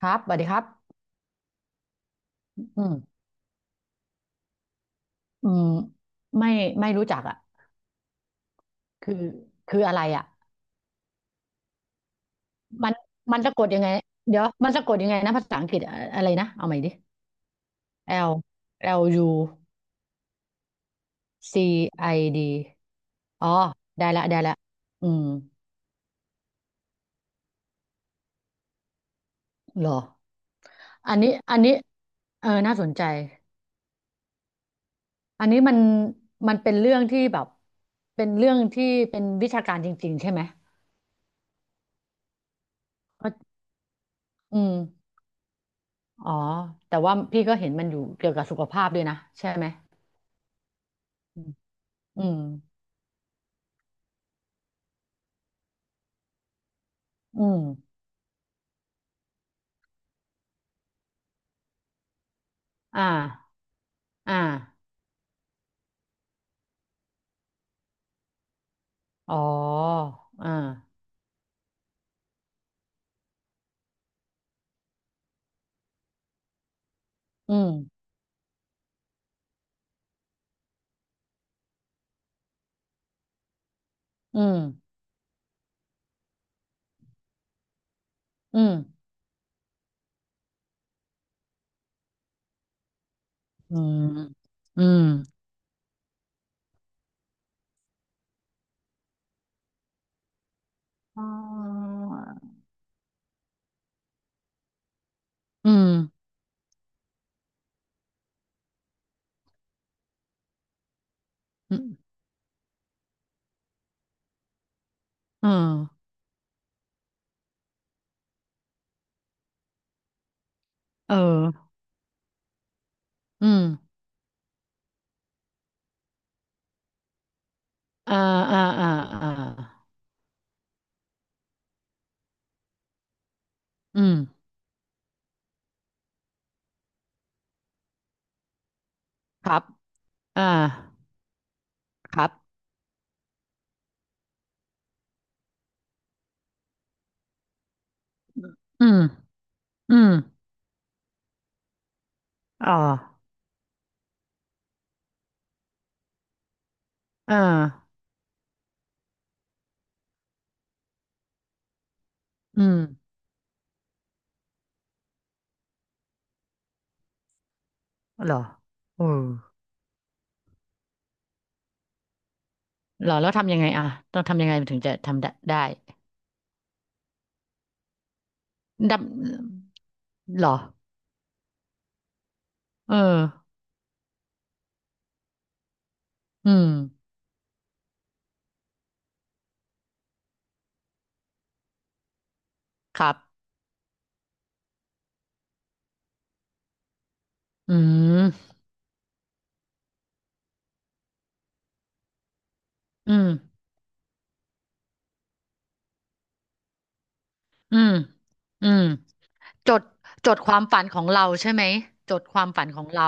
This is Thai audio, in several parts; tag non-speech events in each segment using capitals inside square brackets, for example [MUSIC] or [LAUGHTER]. ครับสวัสดีครับอืมอืมไม่ไม่รู้จักอ่ะคือคืออะไรอ่ะมันมันสะกดยังไงเดี๋ยวมันสะกดยังไงนะภาษาอังกฤษอะอะไรนะ เอาใหม่ดิ L L U C I D อ๋อ ได้ละอืมเหรอ อันนี้เออน่าสนใจ อันนี้มันเป็นเรื่องที่แบบ เป็นเรื่องที่เป็นวิชาการจริงๆใช่ไหมก็อืมอ๋อ แต่ว่าพี่ก็เห็นมันอยู่เกี่ยวกับสุขภาพด้วยนะ ใช่ไหม อืมอืมอืมอ่าอ่าอ๋ออ่าอืมอืมอืมอืมอืมอ๋ออืมอืมอืมเอออืมอ่าอ่าอ่าอ่าอืมครับอ่าครับอืมอืมอ๋ออ่าอืมเหรอเออเหรอ แล้วทำยังไงอ่ะ ต้องทำยังไงถึงจะทำได้ดำเหรอเออ อืมครับอืมอืมอืมอืมจดจดความฝันของเราใช่ไหม จดความฝันของเรา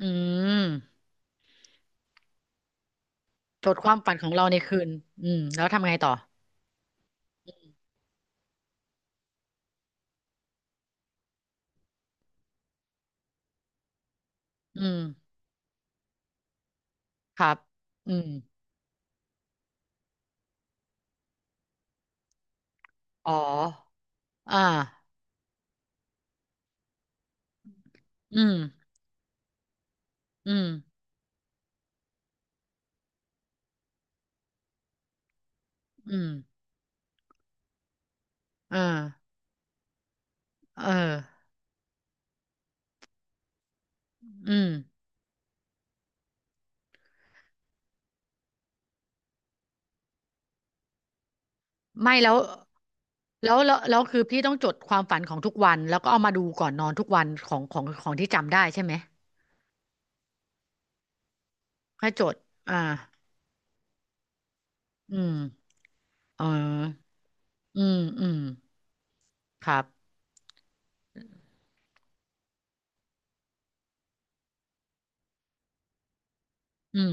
อืมจดความฝันของเราในคืนอืมแล้วทำไงต่ออืมครับอืมอ๋ออ่าอืมอืมอืมเออเอออืมไม่แล้วแล้วคือพี่ต้องจดความฝันของทุกวัน แล้วก็เอามาดูก่อนนอนทุกวันของที่จำได้ใช่ไหมค่อยจดอ่าอืม อ๋ออืมอืมครับอืม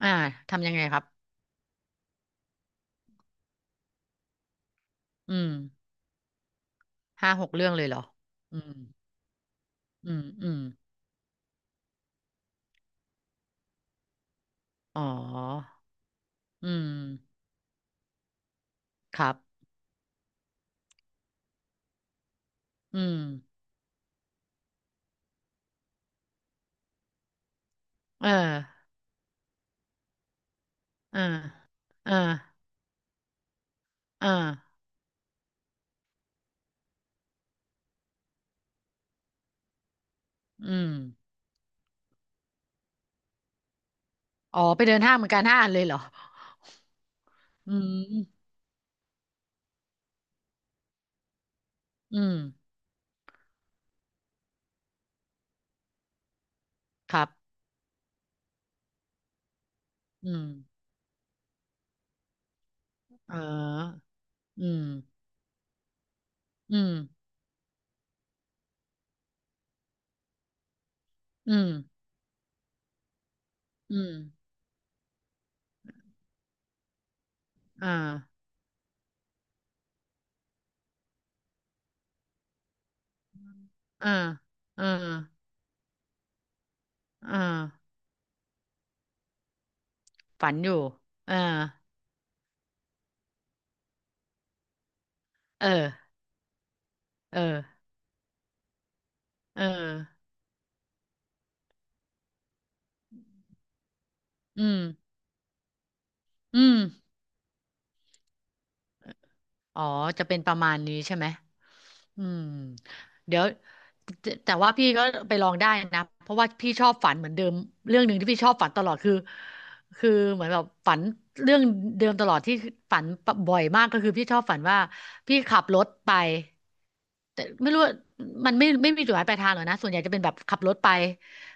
อ่าทำยังไงครับอืมห้าหกเรื่องเลยเหรออืมอืมอืมอ๋ออืมครับอืมเออเอเออออืมอ๋อไปเดินห้างเหมือนกันห้าอันเลยเหรออืมอืมครับอืมเอออืมอืมอืมอืมอ่าอ่าอ่าอ่าฝันอยู่อ่าเออเออ เอออืมอืมอ๋อจะเป็นประมาณนี้ใช่ไหมอืมเดี๋ยวแต่ว่าพี่ก็ไปลองได้นะเพราะว่าพี่ชอบฝันเหมือนเดิมเรื่องหนึ่งที่พี่ชอบฝันตลอดคือเหมือนแบบฝันเรื่องเดิมตลอดที่ฝันบ่อยมากก็คือพี่ชอบฝันว่าพี่ขับรถไป แต่ไม่รู้ว่ามันไม่มีจุดหมายปลายทางหรอกนะส่วนใหญ่จะเป็นแบบขับรถไป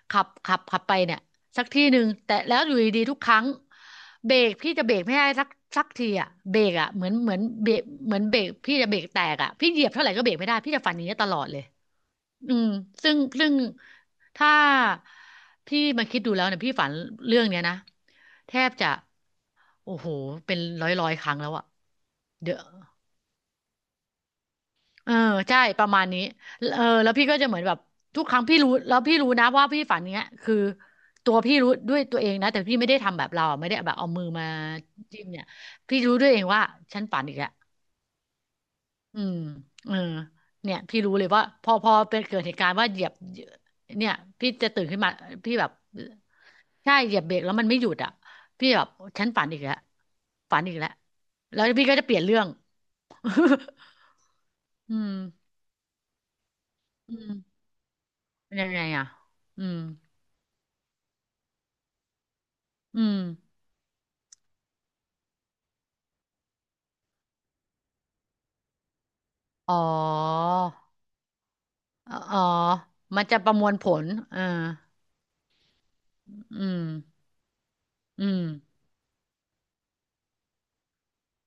ขับไปเนี่ยสักที่หนึ่งแต่แล้วอยู่ดีๆทุกครั้งเบรกพี่จะเบรกไม่ได้สักทีอ่ะเบรกอ่ะเหมือนเบรกเหมือนเบรกพี่จะเบรกแตกอ่ะพี่เหยียบเท่าไหร่ก็เบรกไม่ได้พี่จะฝันอย่างนี้ยตลอดเลยอืมซึ่งถ้าพี่มาคิดดูแล้วเนี่ยพี่ฝันเรื่องเนี้ยนะแทบจะโอ้โหเป็นร้อยครั้งแล้วอ่ะเดี๋ยว เออใช่ประมาณนี้เออแล้วพี่ก็จะเหมือนแบบทุกครั้งพี่รู้แล้วพี่รู้นะว่าพี่ฝันเนี้ยคือตัวพี่รู้ด้วยตัวเองนะแต่พี่ไม่ได้ทำแบบเราอะไม่ได้แบบเอามือมาจิ้มเนี่ยพี่รู้ด้วยเองว่าฉันฝันอีกแล้วอืมเออเนี่ยพี่รู้เลยว่าพอเป็นเกิดเหตุการณ์ว่าเหยียบเนี่ยพี่จะตื่นขึ้นมาพี่แบบใช่เหยียบเบรกแล้วมันไม่หยุดอ่ะพี่แบบฉันฝันอีกแล้วฝันอีกแล้วแล้วพี่ก็จะเปลี่ยนเรื่อง [LAUGHS] อืมอืม เป็นยังไงอ่ะอืมอืมอ๋ออ๋อมันจะประมวลผลเอออืมอืม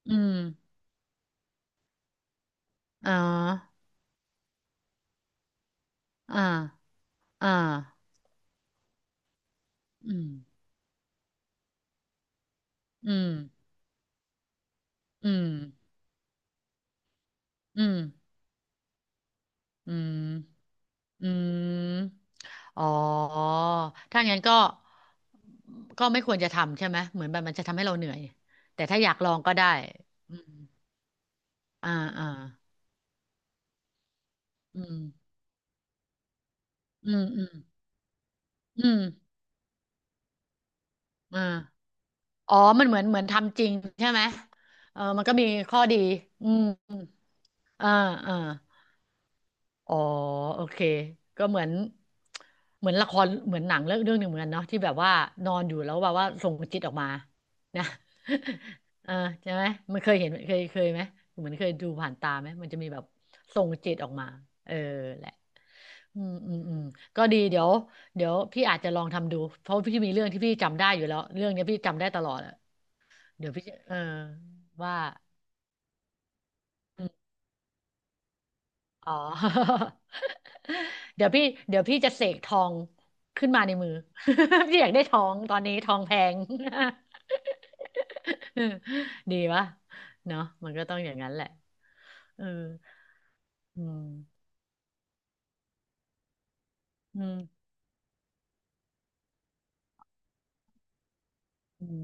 อืมอ๋ออ่าอ่าอืมอืมอืมอืมอืมอืมอ๋อถ้างั้นก็ก็ไม่ควรจะทำใช่ไหมเหมือนแบบมันจะทำให้เราเหนื่อยแต่ถ้าอยากลองก็ได้อืมอ่าอ่าอืมอืมอืมอืมอ่า อ๋อมันเหมือนเหมือนทำจริงใช่ไหมเออมันก็มีข้อดีอืมอ่าอ่าอ๋อโอเคก็เหมือนเหมือนละครเหมือนหนังเรื่องหนึ่งเหมือนกันเนาะที่แบบว่านอนอยู่แล้วแบบว่าส่งจิตออกมานะ [LAUGHS] เออใช่ไหมมันเคยเห็นเคยไหมเหมือนเคยดูผ่านตาไหมมันจะมีแบบส่งจิตออกมาเออแหละอืมอืมอืมก็ดีเดี๋ยวพี่อาจจะลองทำดู เพราะพี่มีเรื่องที่พี่จำได้อยู่แล้วเรื่องเนี้ยพี่จำได้ตลอด เดี๋ยวพี่จะเออว่าอืมอ๋อ [LAUGHS] เดี๋ยวพี่เดี๋ยวพี่จะเสกทองขึ้นมาในมือ [LAUGHS] พี่อยากได้ทองตอนนี้ทองแพง [LAUGHS] ดีวะเนาะมันก็ต้องอย่างนั้นแหละเอออืมอืมอืม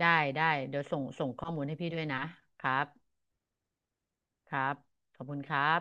ได้ได้เดี๋ยวส่งข้อมูลให้พี่ด้วยนะครับครับขอบคุณครับ